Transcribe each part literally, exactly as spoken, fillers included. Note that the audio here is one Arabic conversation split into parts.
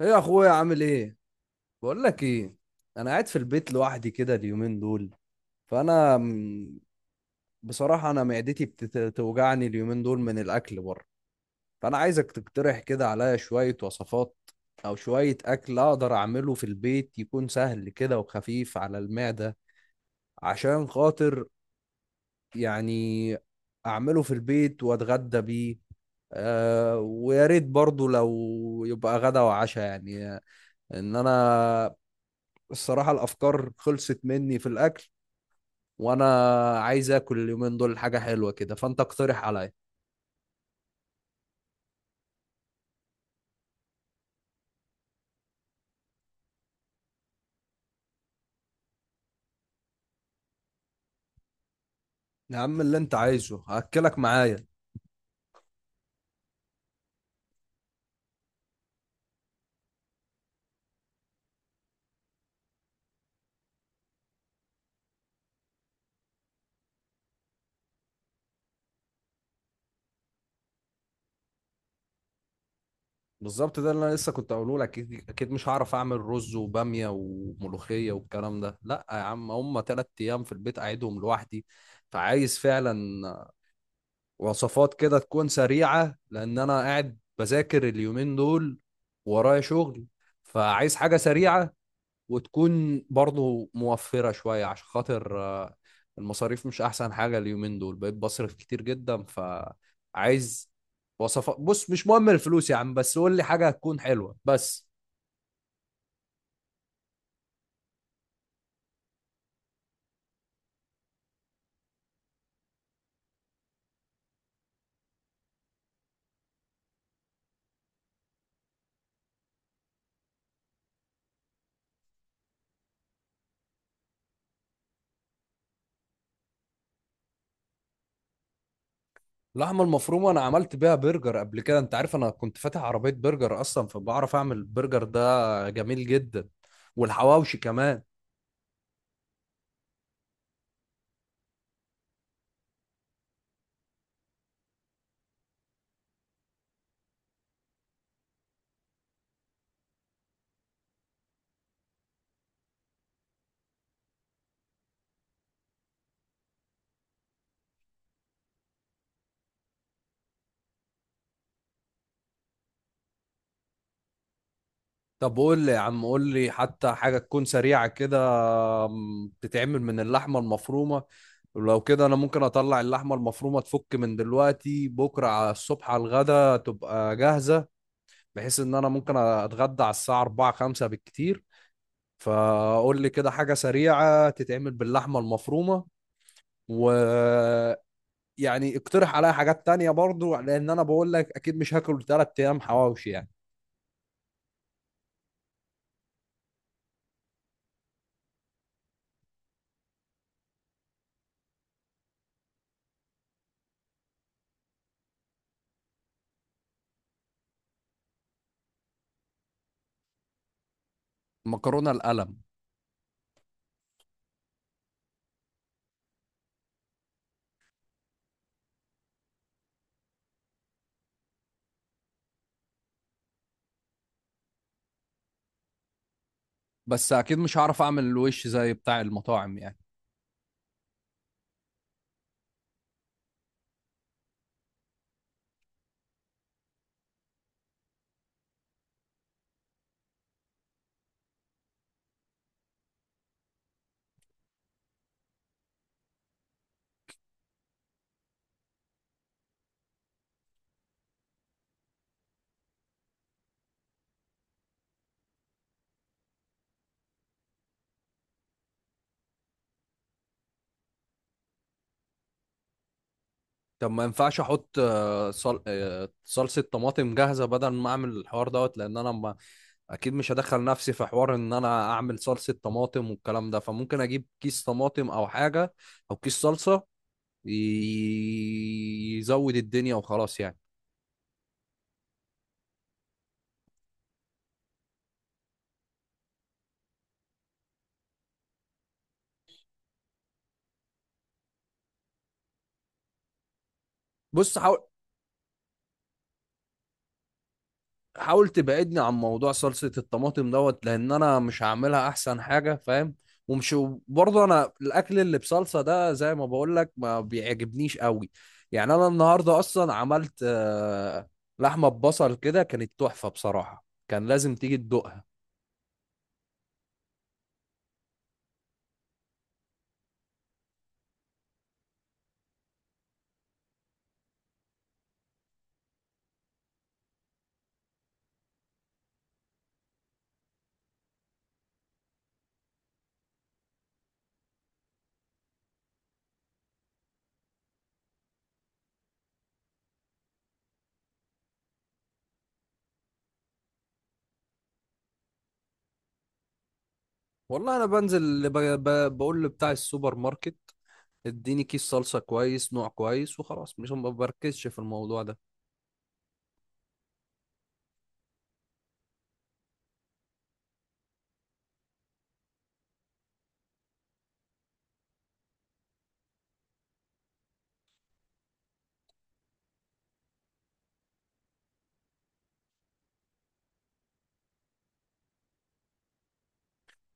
ايه يا اخويا، عامل ايه؟ بقول لك ايه. انا قاعد في البيت لوحدي كده اليومين دول. فانا م- بصراحه انا معدتي بتوجعني اليومين دول من الاكل بره. فانا عايزك تقترح كده عليا شويه وصفات او شويه اكل اقدر اعمله في البيت، يكون سهل كده وخفيف على المعده، عشان خاطر يعني اعمله في البيت واتغدى بيه. آه، ويا ريت برضو لو يبقى غدا وعشاء يعني. ان انا الصراحة الأفكار خلصت مني في الأكل، وأنا عايز آكل اليومين دول حاجة حلوة كده، فأنت اقترح عليا. يا عم اللي أنت عايزه هأكلك معايا. بالظبط، ده اللي أنا لسه كنت أقوله لك. أكيد أكيد مش هعرف أعمل رز وبامية وملوخية والكلام ده، لأ يا عم، هما تلات أيام في البيت أقعدهم لوحدي، فعايز فعلا وصفات كده تكون سريعة لأن أنا قاعد بذاكر اليومين دول ورايا شغل. فعايز حاجة سريعة، وتكون برضه موفرة شوية عشان خاطر آه، المصاريف مش أحسن حاجة اليومين دول، بقيت بصرف كتير جدا، فعايز وصفات. بص مش مهم الفلوس يا عم، بس قول لي حاجة هتكون حلوة بس. اللحمة المفرومة أنا عملت بيها برجر قبل كده. أنت عارف أنا كنت فاتح عربية برجر أصلا فبعرف أعمل برجر، ده جميل جدا، والحواوشي كمان. طب قول لي يا عم، قول لي حتى حاجة تكون سريعة كده، م، تتعمل من اللحمة المفرومة. لو كده انا ممكن اطلع اللحمه المفرومه تفك من دلوقتي، بكره على الصبح على الغدا تبقى جاهزه، بحيث ان انا ممكن اتغدى على الساعه اربعه خمسه بالكتير. فقول لي كده حاجه سريعه تتعمل باللحمه المفرومه، و يعني اقترح عليا حاجات تانية برضو لان انا بقول لك اكيد مش هاكل تلات ايام حواوشي يعني. مكرونه القلم. بس اكيد مش هعرف اعمل الوش زي بتاع المطاعم يعني. طب ما ينفعش احط آه، صل... آه، صلصة طماطم جاهزة بدل ما اعمل الحوار دوت، لان انا ما... اكيد مش هدخل نفسي في حوار ان انا اعمل صلصة طماطم والكلام ده، فممكن اجيب كيس طماطم او حاجة، او كيس صلصة، ي- يزود الدنيا وخلاص يعني. بص حاول. حاول تبعدني عن موضوع صلصة الطماطم دوت لأن أنا مش هعملها أحسن حاجة فاهم. ومش، برضه أنا الأكل اللي بصلصة ده زي ما بقول لك ما بيعجبنيش قوي. يعني أنا النهاردة أصلا عملت آه، لحمة ببصل كده، كانت تحفة بصراحة، كان لازم تيجي تدوقها. والله أنا بنزل اللي ب- ب- بقول لبتاع السوبر ماركت، اديني كيس صلصة كويس، نوع كويس، وخلاص مش، ما بركزش في الموضوع ده.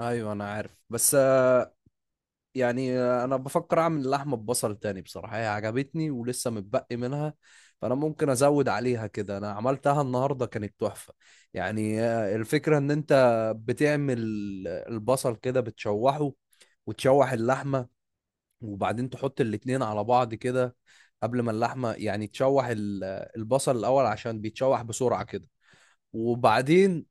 أيوه أنا عارف، بس آه، يعني انا بفكر اعمل لحمه ببصل تاني بصراحه، هي عجبتني ولسه متبقي منها، فانا ممكن ازود عليها كده. انا عملتها النهارده كانت تحفه. يعني آه، الفكره ان انت بتعمل البصل كده بتشوحه، وتشوح اللحمه، وبعدين تحط الاتنين على بعض كده. قبل ما اللحمه يعني تشوح ال- البصل الاول عشان بيتشوح بسرعه كده، وبعدين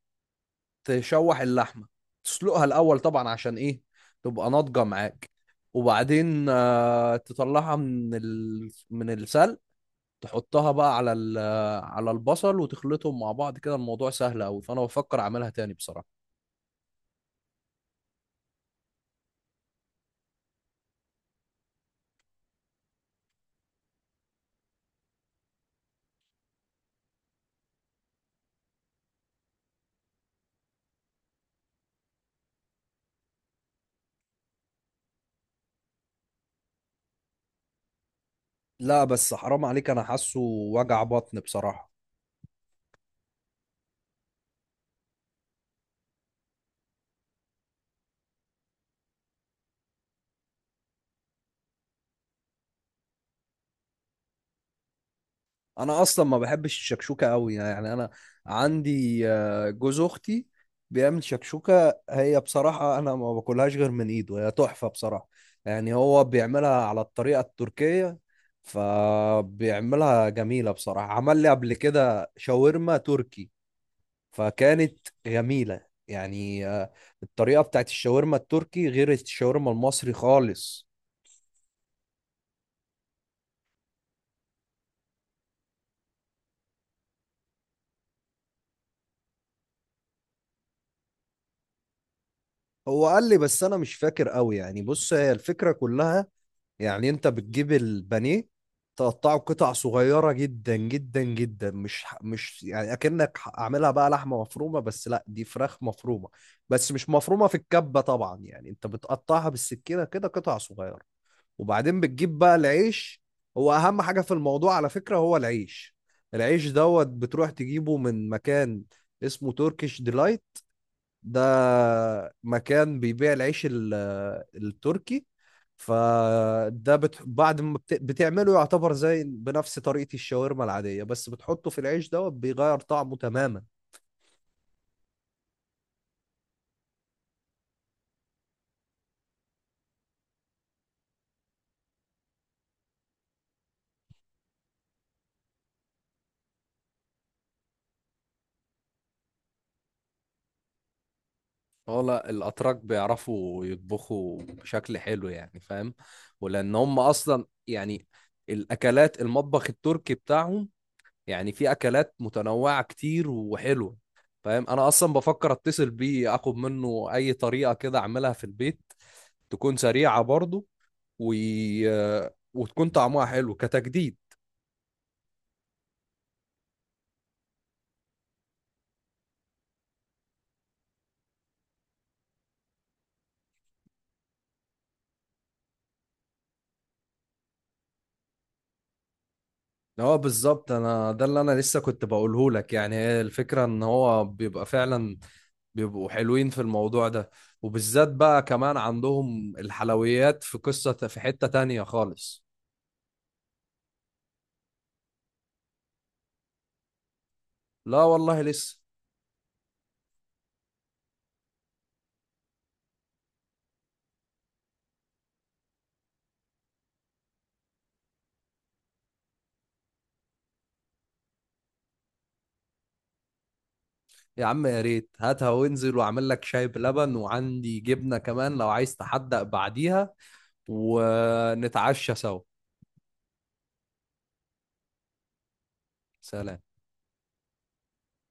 تشوح اللحمه، تسلقها الاول طبعا عشان ايه؟ تبقى ناضجه معاك. وبعدين آه، تطلعها من ال... من السلق، تحطها بقى على ال... على البصل وتخلطهم مع بعض كده. الموضوع سهل قوي، فانا بفكر اعملها تاني بصراحه. لا بس حرام عليك، انا حاسه وجع بطن بصراحه. انا اصلا ما بحبش الشكشوكه قوي يعني. انا عندي آه، جوز اختي بيعمل شكشوكه، هي بصراحه انا ما باكلهاش غير من ايده، هي تحفه بصراحه. يعني هو بيعملها على الطريقه التركيه، فبيعملها جميله بصراحه. عمل لي قبل كده شاورما تركي، فكانت جميله يعني. آه، الطريقه بتاعت الشاورما التركي غير الشاورما المصري خالص. هو قال لي بس انا مش فاكر قوي يعني. بص هي الفكره كلها، يعني انت بتجيب البانيه، تقطعه قطع صغيرة جدا جدا جدا، مش مش يعني اكنك اعملها بقى لحمة مفرومة، بس لا، دي فراخ مفرومة، بس مش مفرومة في الكبة طبعا. يعني انت بتقطعها بالسكينة كده قطع صغيرة، وبعدين بتجيب بقى العيش. هو اهم حاجة في الموضوع على فكرة هو العيش. العيش دوت بتروح تجيبه من مكان اسمه تركيش ديلايت. ده مكان بيبيع العيش ال- التركي. فده بت... بعد ما بت... بتعمله يعتبر زي بنفس طريقة الشاورما العادية، بس بتحطه في العيش دوت بيغير طعمه تماما. هو لا، الاتراك بيعرفوا يطبخوا بشكل حلو يعني فاهم. ولان هم اصلا يعني الاكلات المطبخ التركي بتاعهم، يعني في اكلات متنوعه كتير وحلوه فاهم. انا اصلا بفكر اتصل بيه اخد منه اي طريقه كده اعملها في البيت، تكون سريعة برضو و... وتكون طعمها حلو كتجديد. هو بالظبط، انا ده اللي انا لسه كنت بقوله لك. يعني هي الفكرة ان هو بيبقى فعلا، بيبقوا حلوين في الموضوع ده، وبالذات بقى كمان عندهم الحلويات في قصة في حتة تانية خالص. لا والله لسه. يا عم يا ريت هاتها، وانزل واعمل لك شاي بلبن، وعندي جبنة كمان لو عايز تحدق بعديها، ونتعشى سوا. سلام.